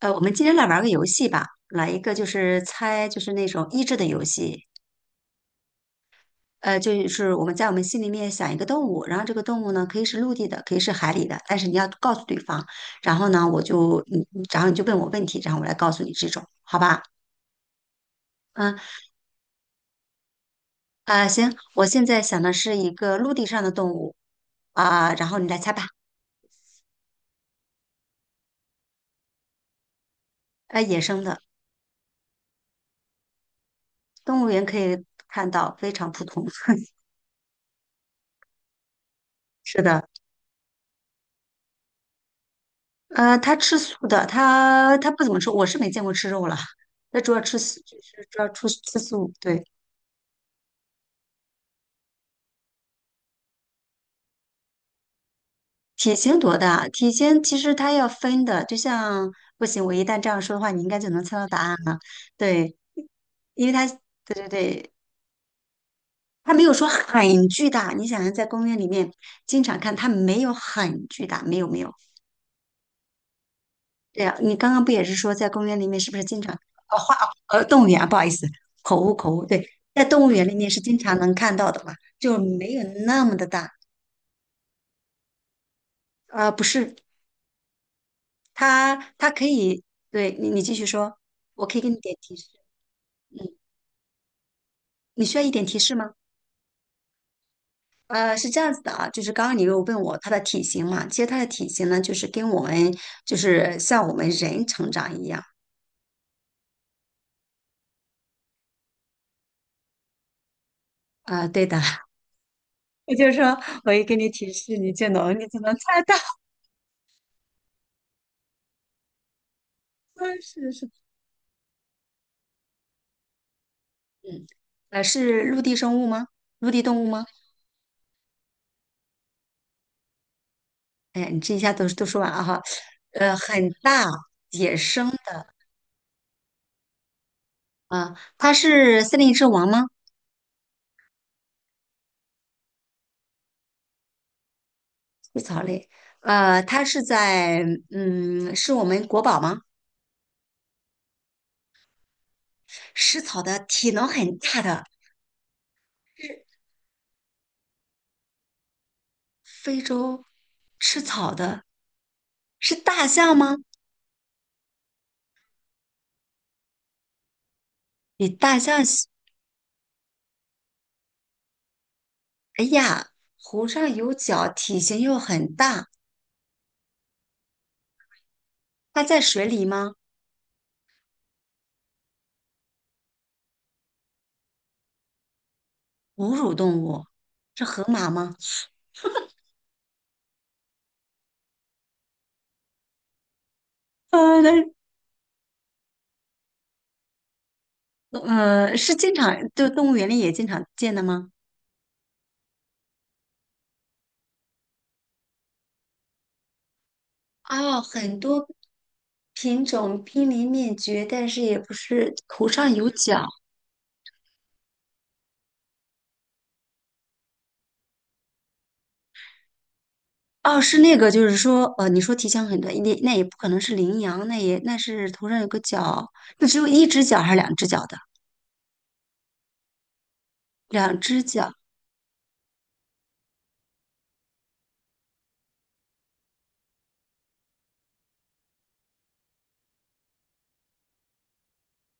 我们今天来玩个游戏吧，来一个猜，就是那种益智的游戏。就是我们心里面想一个动物，然后这个动物呢可以是陆地的，可以是海里的，但是你要告诉对方。然后呢，我就你，你然后你就问我问题，然后我来告诉你这种，好吧？嗯啊，行，我现在想的是一个陆地上的动物啊，然后你来猜吧。呃，野生的，动物园可以看到，非常普通。是的。呃，他吃素的，他不怎么吃，我是没见过吃肉了，他主要吃素，就是主要吃素。对，体型多大？体型其实它要分的，就像不行，我一旦这样说的话，你应该就能猜到答案了。对，因为它，对对对，它没有说很巨大。你想想，在公园里面经常看，它没有很巨大，没有没有。对呀，你刚刚不也是说在公园里面是不是经常呃花动物园啊？不好意思，口误口误。对，在动物园里面是经常能看到的嘛，就没有那么的大。啊，不是，它它可以，对你继续说，我可以给你点提示。嗯，你需要一点提示吗？呃，是这样子的啊，就是刚刚你又问我它的体型嘛，其实它的体型呢，就是跟我们就是像我们人成长一样。啊、对的，我就说我一给你提示，你就能猜到。是是。嗯，呃，是陆地生物吗？陆地动物吗？哎呀，你这一下都说完了哈。呃，很大，野生的啊，它是森林之王吗？食草类，呃，它是在嗯，是我们国宝吗？食草的，体能很大的，是非洲吃草的，是大象吗？比大象小，哎呀，湖上有脚，体型又很大，它在水里吗？哺乳动物，是河马吗？呃，那嗯，呃是经常，就动物园里也经常见的吗？哦，很多品种濒临灭绝，但是也不是头上有角。哦，是那个，就是说，呃，你说体型很短，那也不可能是羚羊，那是头上有个角，那只有一只角还是两只角的？两只角，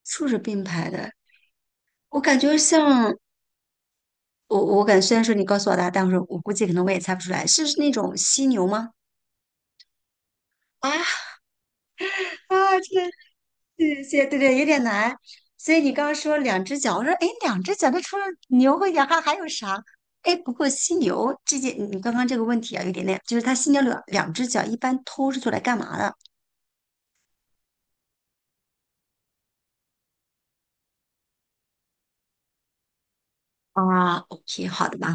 竖着并排的。我感觉像我感觉虽然说你告诉我答案，但是我估计可能我也猜不出来，是那种犀牛吗？啊，啊！真的谢谢，对对，有点难。所以你刚刚说两只脚，我说哎，诶两只脚，那除了牛和羊还有啥？哎，不过犀牛这件，你刚刚这个问题啊，有点那，就是它犀牛两只脚一般偷是做来干嘛的？啊，OK，好的吧，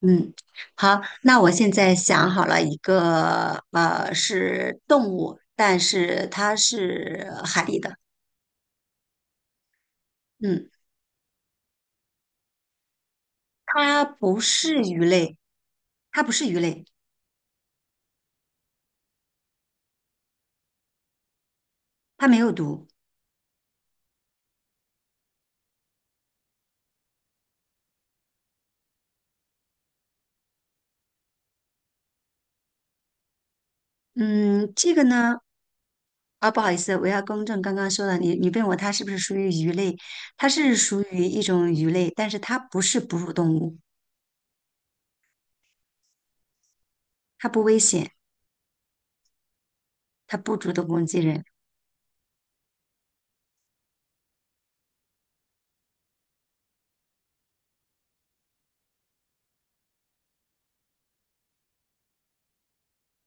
嗯，好，那我现在想好了一个，呃，是动物，但是它是海里的，嗯，它不是鱼类，它不是鱼类，它没有毒，嗯，这个呢。啊，不好意思，我要更正刚刚说的，你问我它是不是属于鱼类，它是属于一种鱼类，但是它不是哺乳动物，它不危险，它不主动攻击人，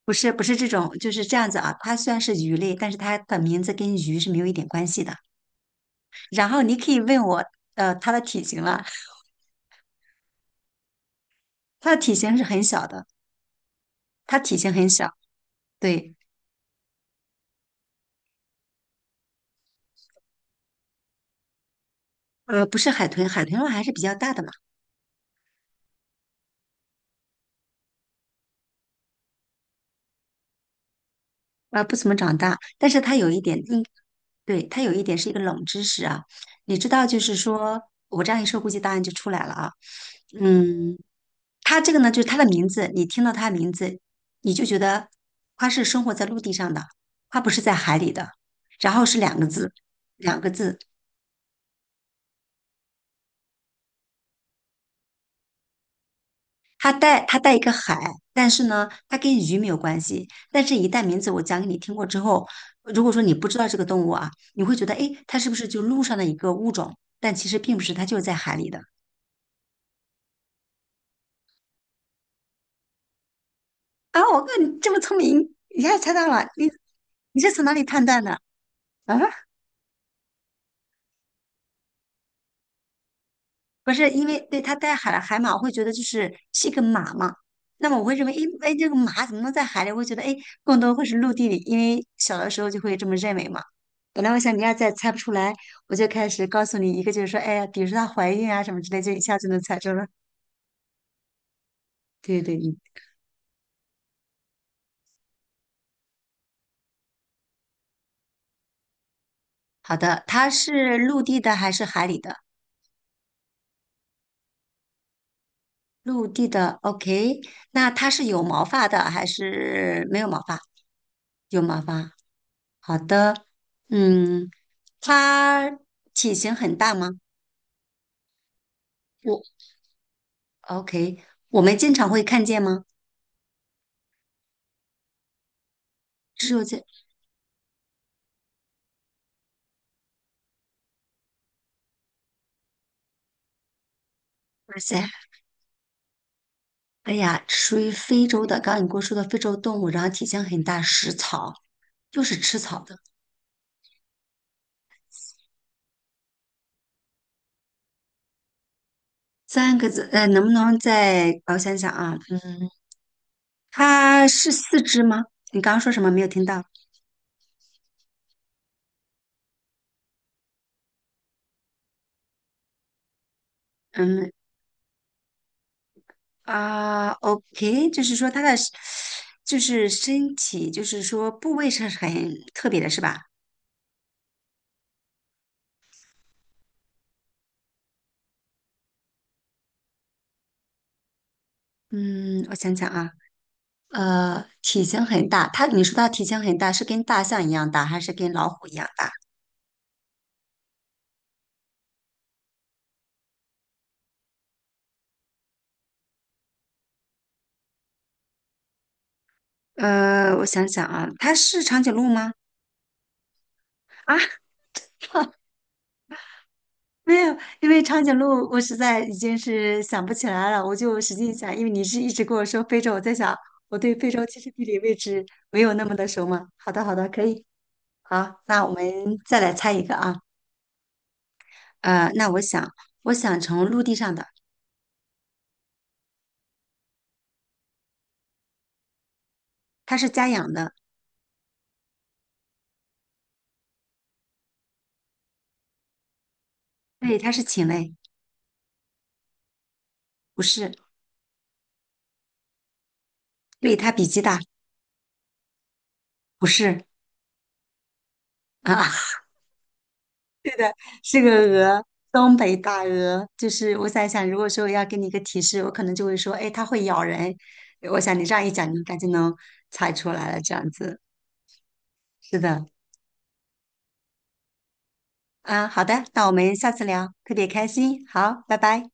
不是这种，就是这样子啊。它虽然是鱼类，但是它的名字跟鱼是没有一点关系的。然后你可以问我，呃，它的体型了，它的体型是很小的，它体型很小，对，呃，不是海豚，海豚的话还是比较大的嘛。呃，不怎么长大，但是它有一点，嗯，对，它有一点是一个冷知识啊。你知道，就是说我这样一说，估计答案就出来了啊。嗯，它这个呢，就是它的名字，你听到它的名字，你就觉得它是生活在陆地上的，它不是在海里的。然后是两个字，两个字，它带一个海，但是呢，它跟鱼没有关系。但是，一旦名字我讲给你听过之后，如果说你不知道这个动物啊，你会觉得，诶，它是不是就陆上的一个物种？但其实并不是，它就是在海里的。啊，我看你这么聪明，一下猜到了，你你是从哪里判断的？啊？不是因为对它带海了海马，我会觉得就是是一个马嘛。那么我会认为，哎，这个马怎么能在海里？我会觉得，哎，更多会是陆地里，因为小的时候就会这么认为嘛。本来我想你要再猜不出来，我就开始告诉你一个，就是说，哎呀，比如说她怀孕啊什么之类，就一下就能猜出了。对对，嗯，好的，它是陆地的还是海里的？陆地的，OK。那它是有毛发的还是没有毛发？有毛发。好的，嗯。它体型很大吗？我 OK，我们经常会看见吗？只有这哇塞，哎呀，属于非洲的，刚刚你跟我说的非洲动物，然后体型很大，食草，就是吃草的。三个字，呃，能不能再我想想啊？嗯，它是四肢吗？你刚刚说什么没有听到？嗯啊，OK，就是说它的就是身体，就是说部位是很特别的，是吧？嗯，我想想啊。呃，体型很大，你说它体型很大，是跟大象一样大，还是跟老虎一样大？呃，我想想啊，它是长颈鹿吗？啊，没有，因为长颈鹿我实在已经是想不起来了，我就使劲想，因为你是一直跟我说非洲，我在想我对非洲其实地理位置没有那么的熟嘛。好的，好的，可以，好，那我们再来猜一个啊，呃，那我想，我想从陆地上的，它是家养的，对，它是禽类，不是，对，它比鸡大，不是啊。是个鹅，东北大鹅。就是我在想，如果说要给你一个提示，我可能就会说，哎，它会咬人。我想你这样一讲，你应该就能猜出来了。这样子，是的，啊，好的，那我们下次聊，特别开心。好，拜拜。